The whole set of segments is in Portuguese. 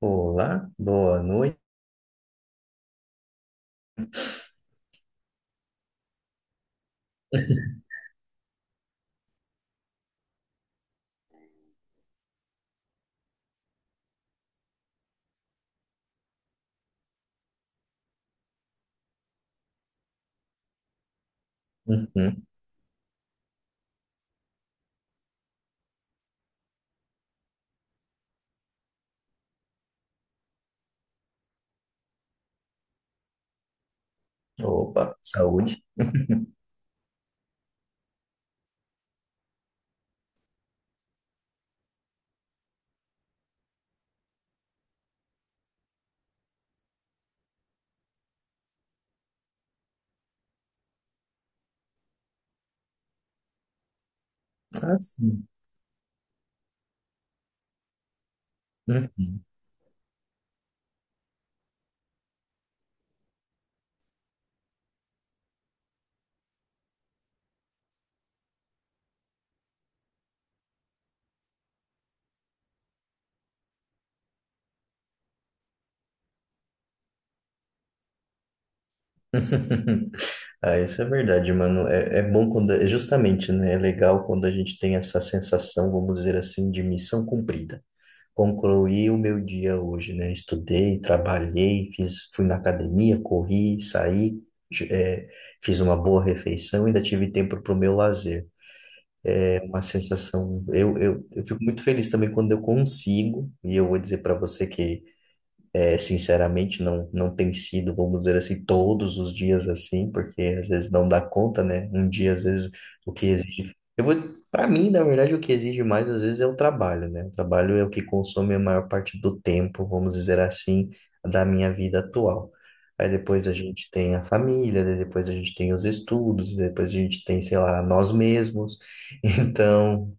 Olá, boa noite. Uhum. Opa, saúde. Ah, sim. Uhum. Ah, isso é verdade, mano. É, é bom quando, é justamente, né? É legal quando a gente tem essa sensação, vamos dizer assim, de missão cumprida. Concluí o meu dia hoje, né? Estudei, trabalhei, fiz, fui na academia, corri, saí, j- é, fiz uma boa refeição, ainda tive tempo para o meu lazer. É uma sensação. Eu fico muito feliz também quando eu consigo, e eu vou dizer para você que, é, sinceramente, não, não tem sido, vamos dizer assim, todos os dias assim, porque às vezes não dá conta, né? Um dia, às vezes, o que exige. Eu vou. Para mim, na verdade, o que exige mais, às vezes, é o trabalho, né? O trabalho é o que consome a maior parte do tempo, vamos dizer assim, da minha vida atual. Aí depois a gente tem a família, daí depois a gente tem os estudos, depois a gente tem, sei lá, nós mesmos. Então.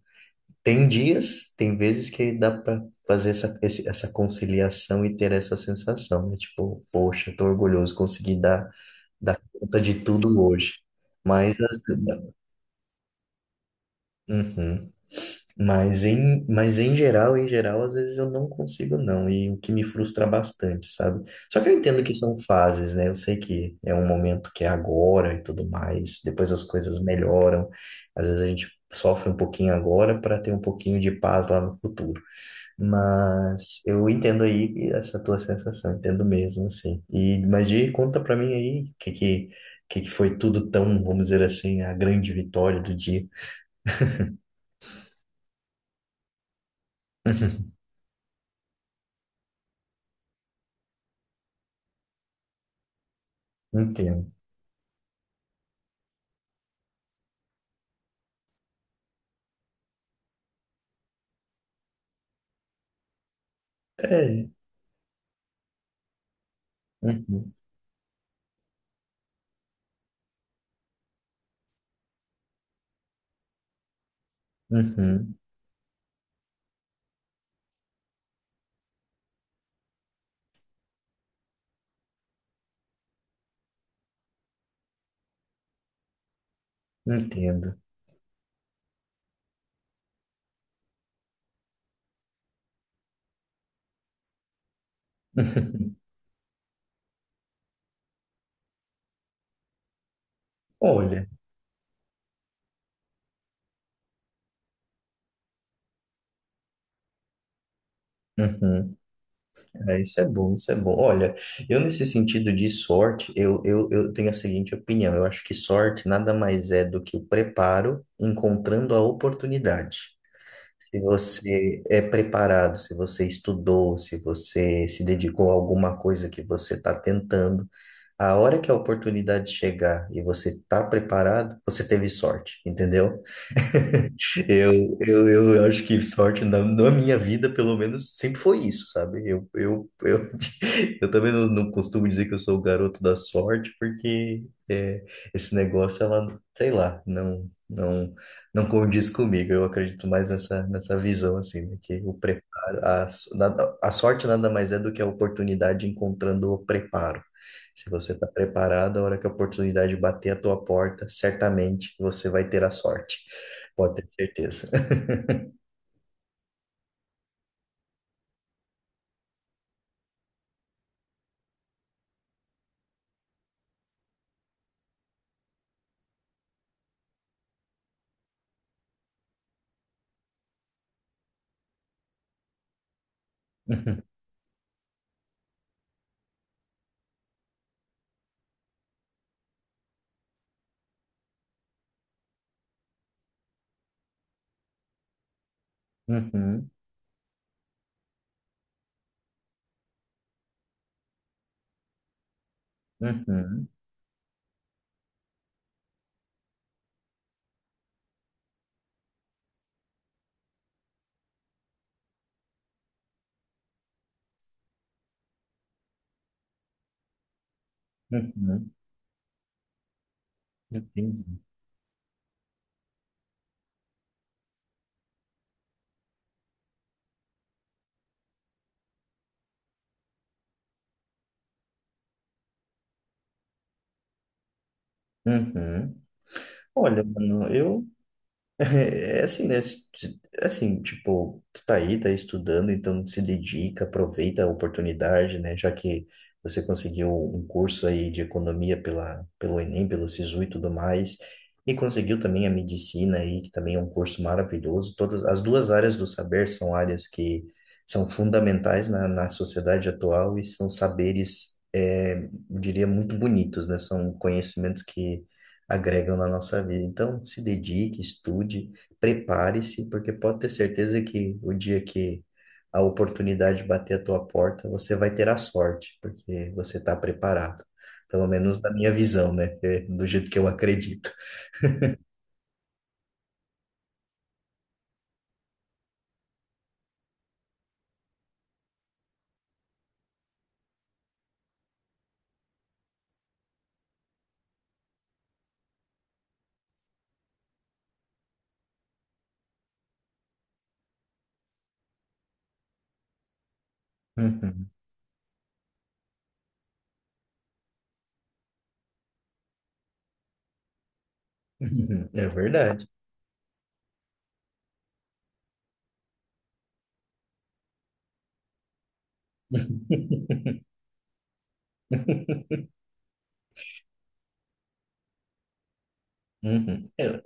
Tem dias, tem vezes que dá para fazer essa, essa conciliação e ter essa sensação, né? Tipo, poxa, tô orgulhoso, consegui dar, dar conta de tudo hoje. Mas, às- uhum. Mas em geral, em geral, às vezes eu não consigo não, e o que me frustra bastante, sabe? Só que eu entendo que são fases, né? Eu sei que é um momento que é agora e tudo mais, depois as coisas melhoram. Às vezes a gente sofre um pouquinho agora para ter um pouquinho de paz lá no futuro. Mas eu entendo aí essa tua sensação, entendo mesmo, assim. E, mas de conta pra mim aí que que foi tudo tão, vamos dizer assim, a grande vitória do dia. Entendo. É. Uhum, uhum, entendo. Olha, uhum, é, isso é bom, isso é bom. Olha, eu nesse sentido de sorte, eu tenho a seguinte opinião. Eu acho que sorte nada mais é do que o preparo encontrando a oportunidade. Se você é preparado, se você estudou, se você se dedicou a alguma coisa que você está tentando, a hora que a oportunidade chegar e você está preparado, você teve sorte, entendeu? Eu acho que sorte na minha vida, pelo menos, sempre foi isso, sabe? Eu também não, não costumo dizer que eu sou o garoto da sorte, porque é, esse negócio, ela, sei lá, não, não, não condiz comigo. Eu acredito mais nessa visão, assim, né? Que o preparo, a sorte nada mais é do que a oportunidade encontrando o preparo. Se você está preparado, a hora que a oportunidade bater a tua porta, certamente você vai ter a sorte. Pode ter certeza. Uhum, uhum, uhum, uhum. Entendi. Uhum. Olha, mano, eu é é assim, né? Assim, tipo, tu tá aí, tá estudando, então se dedica, aproveita a oportunidade, né? Já que você conseguiu um curso aí de economia pela, pelo Enem, pelo Sisu e tudo mais, e conseguiu também a medicina aí, que também é um curso maravilhoso. Todas as duas áreas do saber são áreas que são fundamentais na sociedade atual e são saberes, é, eu diria, muito bonitos, né? São conhecimentos que agregam na nossa vida. Então, se dedique, estude, prepare-se, porque pode ter certeza que o dia que a oportunidade bater a tua porta, você vai ter a sorte, porque você está preparado. Pelo menos na minha visão, né? É do jeito que eu acredito. Uhum. Uhum. É verdade. Uhum. É,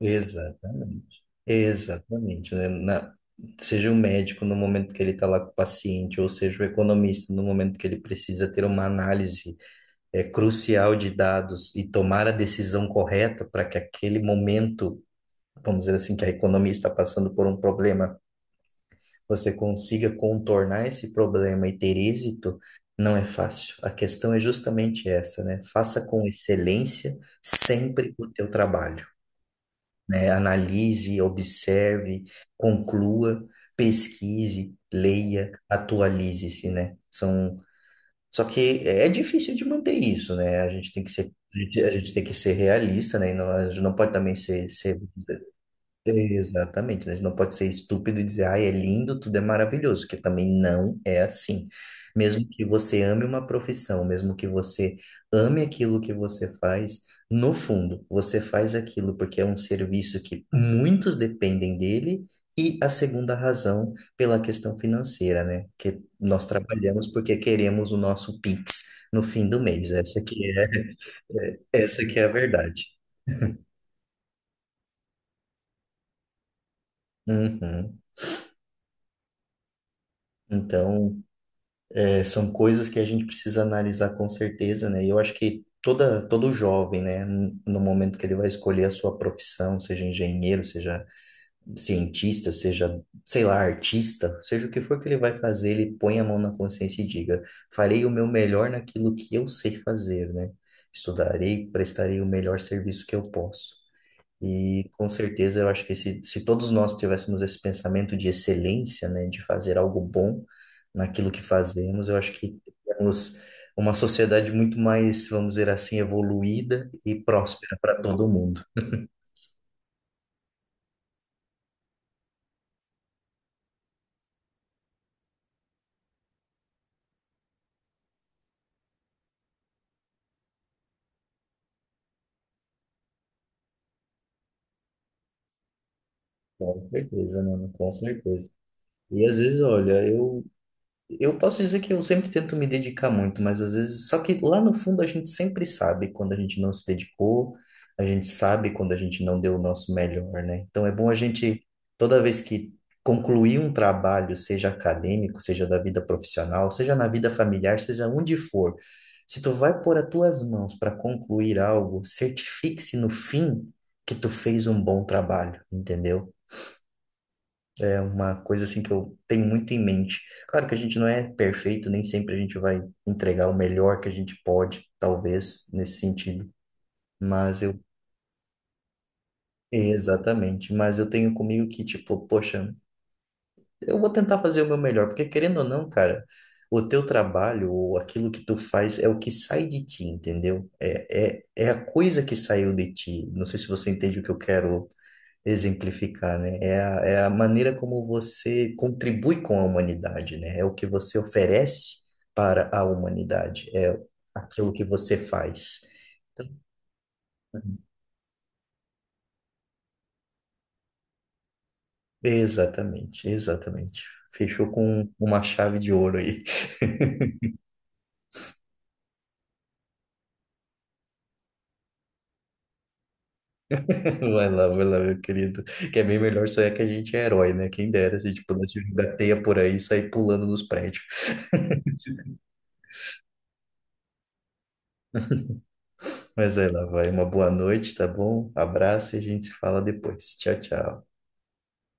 exatamente. Exatamente, né? Seja o médico no momento que ele está lá com o paciente, ou seja o economista no momento que ele precisa ter uma análise é, crucial de dados e tomar a decisão correta para que aquele momento, vamos dizer assim, que a economia está passando por um problema, você consiga contornar esse problema e ter êxito, não é fácil. A questão é justamente essa, né? Faça com excelência sempre o teu trabalho, né? Analise, observe, conclua, pesquise, leia, atualize-se, né? São... Só que é é difícil de manter isso, né? A gente tem que ser, a gente tem que ser realista, né? E não, a gente não pode também ser, ser exatamente, né? A gente não pode ser estúpido e dizer, ai, é lindo, tudo é maravilhoso, que também não é assim. Mesmo que você ame uma profissão, mesmo que você ame aquilo que você faz, no fundo, você faz aquilo porque é um serviço que muitos dependem dele, e a segunda razão pela questão financeira, né? Que nós trabalhamos porque queremos o nosso Pix no fim do mês. Essa que é, essa que é a verdade. Uhum. Então, é, são coisas que a gente precisa analisar com certeza, né? E eu acho que toda, todo jovem, né, no momento que ele vai escolher a sua profissão, seja engenheiro, seja cientista, seja, sei lá, artista, seja o que for que ele vai fazer, ele põe a mão na consciência e diga: farei o meu melhor naquilo que eu sei fazer, né? Estudarei, prestarei o melhor serviço que eu posso. E com certeza eu acho que se todos nós tivéssemos esse pensamento de excelência, né, de fazer algo bom naquilo que fazemos, eu acho que teríamos uma sociedade muito mais, vamos dizer assim, evoluída e próspera para todo mundo. Com certeza, mano, com certeza. E às vezes, olha, eu posso dizer que eu sempre tento me dedicar muito, mas às vezes, só que lá no fundo a gente sempre sabe quando a gente não se dedicou, a gente sabe quando a gente não deu o nosso melhor, né? Então é bom a gente, toda vez que concluir um trabalho, seja acadêmico, seja da vida profissional, seja na vida familiar, seja onde for, se tu vai pôr as tuas mãos para concluir algo, certifique-se no fim que tu fez um bom trabalho, entendeu? É uma coisa assim que eu tenho muito em mente. Claro que a gente não é perfeito, nem sempre a gente vai entregar o melhor que a gente pode, talvez, nesse sentido. Mas eu. Exatamente. Mas eu tenho comigo que, tipo, poxa, eu vou tentar fazer o meu melhor, porque querendo ou não, cara, o teu trabalho ou aquilo que tu faz é o que sai de ti, entendeu? É a coisa que saiu de ti. Não sei se você entende o que eu quero exemplificar, né? É a maneira como você contribui com a humanidade, né? É o que você oferece para a humanidade, é aquilo que você faz. Então, exatamente, exatamente. Fechou com uma chave de ouro aí. Vai lá, meu querido. Que é bem melhor só é que a gente é herói, né? Quem dera se a gente pudesse jogar teia por aí e sair pulando nos prédios. Mas vai lá, vai. Uma boa noite, tá bom? Abraço e a gente se fala depois. Tchau, tchau.